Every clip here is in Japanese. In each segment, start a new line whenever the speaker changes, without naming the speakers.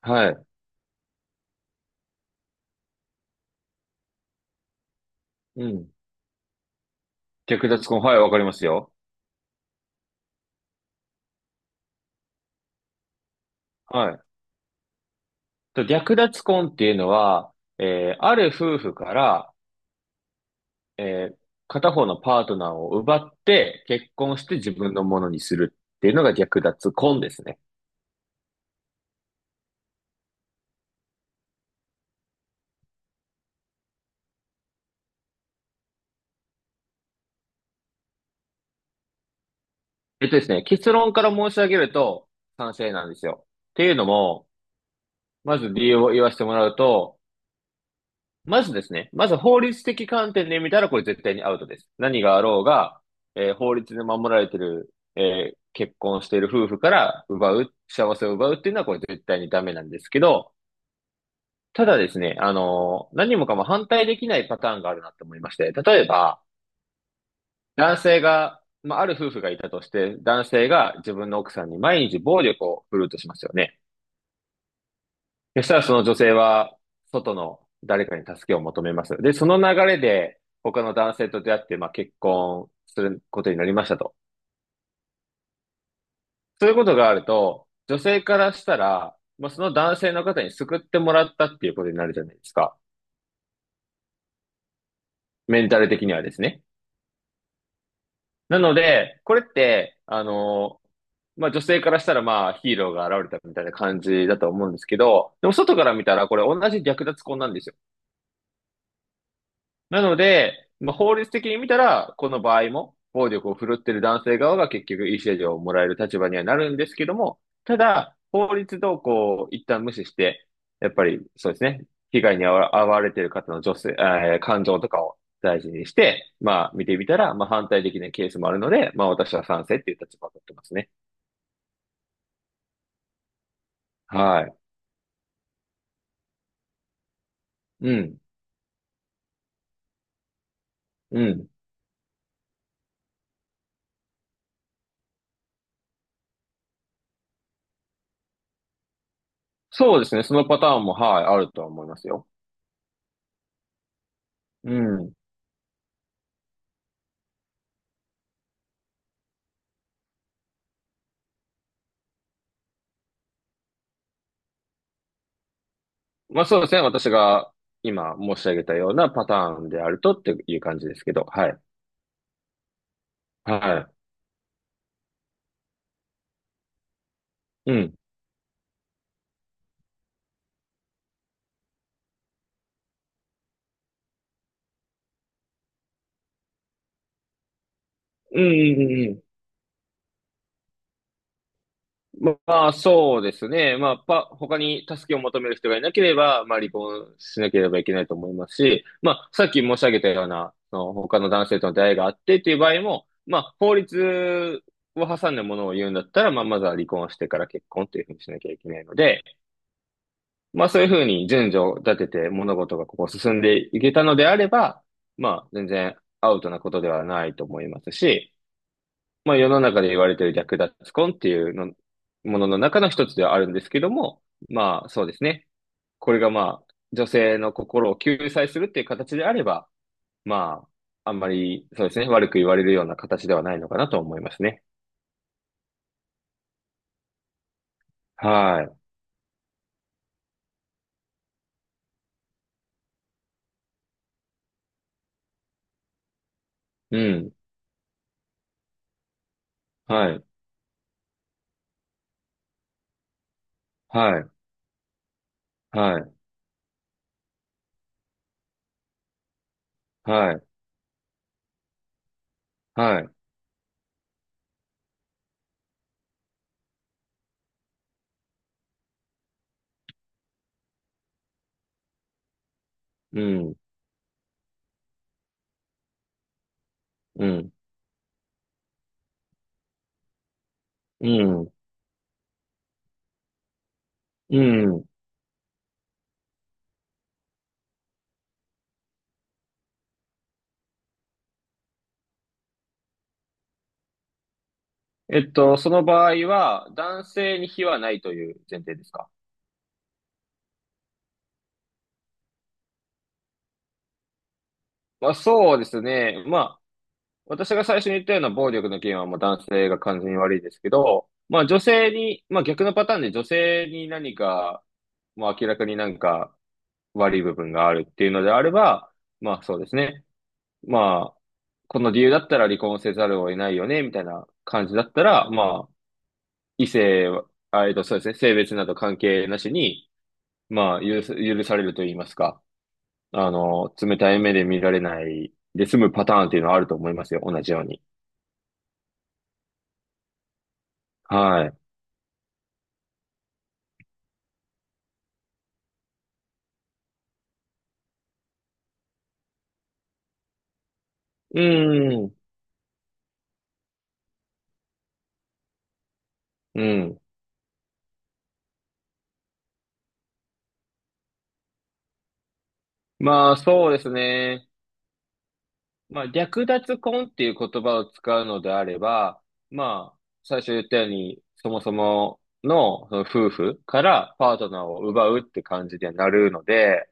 はい。うん。略奪婚。はい、わかりますよ。はい。略奪婚っていうのは、ある夫婦から、えー、片方のパートナーを奪って結婚して自分のものにするっていうのが略奪婚ですね。えっとですね、結論から申し上げると賛成なんですよ。っていうのも、まず理由を言わせてもらうと、まずですね、まず法律的観点で見たらこれ絶対にアウトです。何があろうが、法律で守られてる、結婚している夫婦から奪う、幸せを奪うっていうのはこれ絶対にダメなんですけど、ただですね、何もかも反対できないパターンがあるなと思いまして、例えば、男性が、まあ、ある夫婦がいたとして、男性が自分の奥さんに毎日暴力を振るうとしますよね。そしたらその女性は、外の誰かに助けを求めます。で、その流れで、他の男性と出会って、まあ結婚することになりましたと。そういうことがあると、女性からしたら、まあその男性の方に救ってもらったっていうことになるじゃないですか。メンタル的にはですね。なので、これって、あの、まあ女性からしたらまあヒーローが現れたみたいな感じだと思うんですけど、でも外から見たらこれ同じ略奪婚なんですよ。なので、まあ、法律的に見たら、この場合も、暴力を振るってる男性側が結局、いい制度をもらえる立場にはなるんですけども、ただ、法律動向を一旦無視して、やっぱり、そうですね、被害に遭わわれている方の女性、感情とかを大事にして、まあ、見てみたら、まあ、反対できないケースもあるので、まあ、私は賛成っていう立場を取ってますね。はい。うん。うん。そうですね、そのパターンも、はい、あるとは思いますよ。うん。まあそうですね。私が今申し上げたようなパターンであるとっていう感じですけど。はい。はい。うん。うんううん。ままあそうですね。まあパ、他に助けを求める人がいなければ、まあ離婚しなければいけないと思いますし、まあさっき申し上げたような、その他の男性との出会いがあってっていう場合も、まあ法律を挟んだものを言うんだったら、まあまずは離婚をしてから結婚っていうふうにしなきゃいけないので、まあそういうふうに順序を立てて物事がここ進んでいけたのであれば、まあ全然アウトなことではないと思いますし、まあ世の中で言われている略奪婚っていうのものの中の一つではあるんですけども、まあそうですね。これがまあ女性の心を救済するっていう形であれば、まああんまりそうですね、悪く言われるような形ではないのかなと思いますね。はい。うん。はい。はい。はい。はい。はい。うん。うん。うん。うん。えっと、その場合は、男性に非はないという前提ですか？まあ、そうですね。まあ、私が最初に言ったような暴力の件は、まあ、男性が完全に悪いですけど、まあ、女性に、まあ、逆のパターンで女性に何か、まあ、明らかになんか悪い部分があるっていうのであれば、まあ、そうですね。まあ、この理由だったら離婚せざるを得ないよね、みたいな感じだったら、まあ、異性は、そうですね。性別など関係なしに、まあ、許す許されると言いますか。あの、冷たい目で見られないで済むパターンっていうのはあると思いますよ。同じように。はい。うん。うん。まあ、そうですね。まあ、略奪婚っていう言葉を使うのであれば、まあ、最初言ったように、そもそもの、その夫婦からパートナーを奪うって感じにはなるので、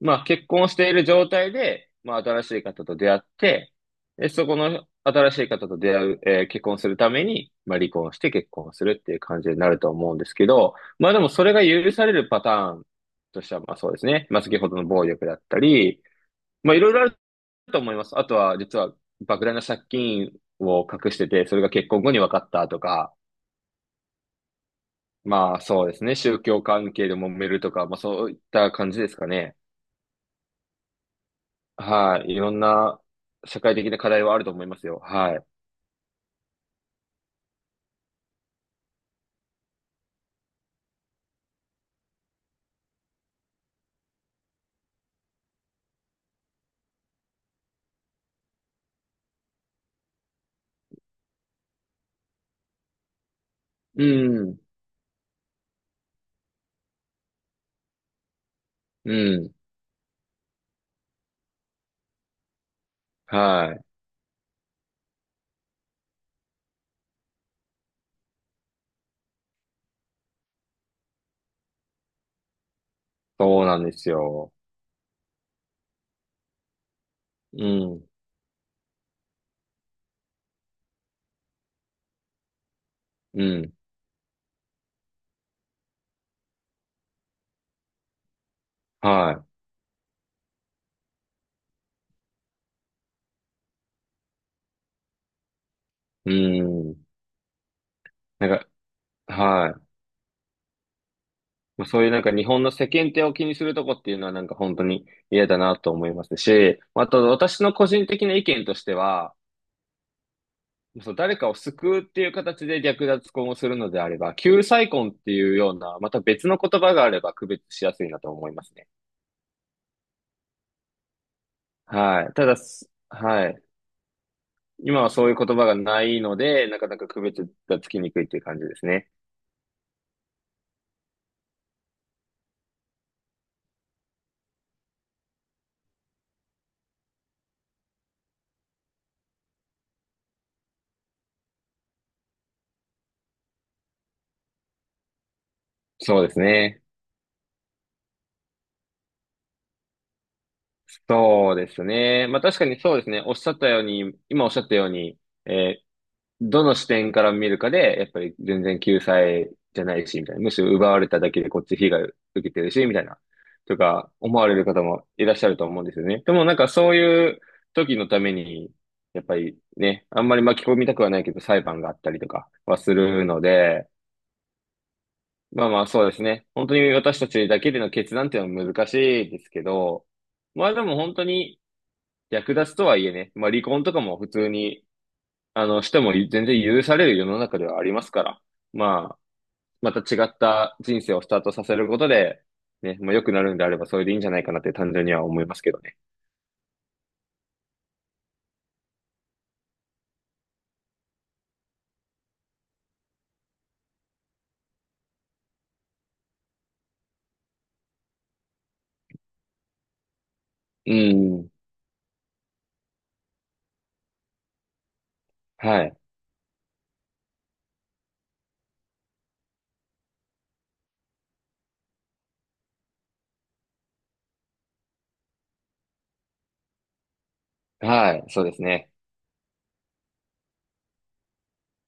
まあ、結婚している状態で、まあ、新しい方と出会って、で、そこの新しい方と出会う、結婚するために、まあ、離婚して結婚するっていう感じになると思うんですけど、まあ、でもそれが許されるパターンとしては、まあ、そうですね。まあ、先ほどの暴力だったり、まあ、いろいろあると思います。あとは、実は、莫大な借金を隠してて、それが結婚後に分かったとか、まあ、そうですね。宗教関係で揉めるとか、まあ、そういった感じですかね。はい。いろんな社会的な課題はあると思いますよ。はい。うん。うん。はい。そうなんですよ。うん。うん。はい。うん。なんか、はい。まあそういうなんか日本の世間体を気にするとこっていうのはなんか本当に嫌だなと思いますし、まあと私の個人的な意見としては、そう、誰かを救うっていう形で略奪婚をするのであれば、救済婚っていうような、また別の言葉があれば区別しやすいなと思いますね。はい。ただ、すはい。今はそういう言葉がないので、なかなか区別がつきにくいっていう感じですね。そうですね。そうですね。まあ確かにそうですね。おっしゃったように、今おっしゃったように、えーどの視点から見るかで、やっぱり全然救済じゃないし、みたいな。むしろ奪われただけでこっち被害を受けてるし、みたいな。とか、思われる方もいらっしゃると思うんですよね。でもなんかそういう時のために、やっぱりね、あんまり巻き込みたくはないけど裁判があったりとかはするので、まあまあそうですね。本当に私たちだけでの決断っていうのは難しいですけど、まあでも本当に略奪とはいえね、まあ離婚とかも普通に、あの、しても全然許される世の中ではありますから、まあ、また違った人生をスタートさせることで、ね、まあ良くなるんであればそれでいいんじゃないかなって単純には思いますけどね。うん。はい。はい。そうですね。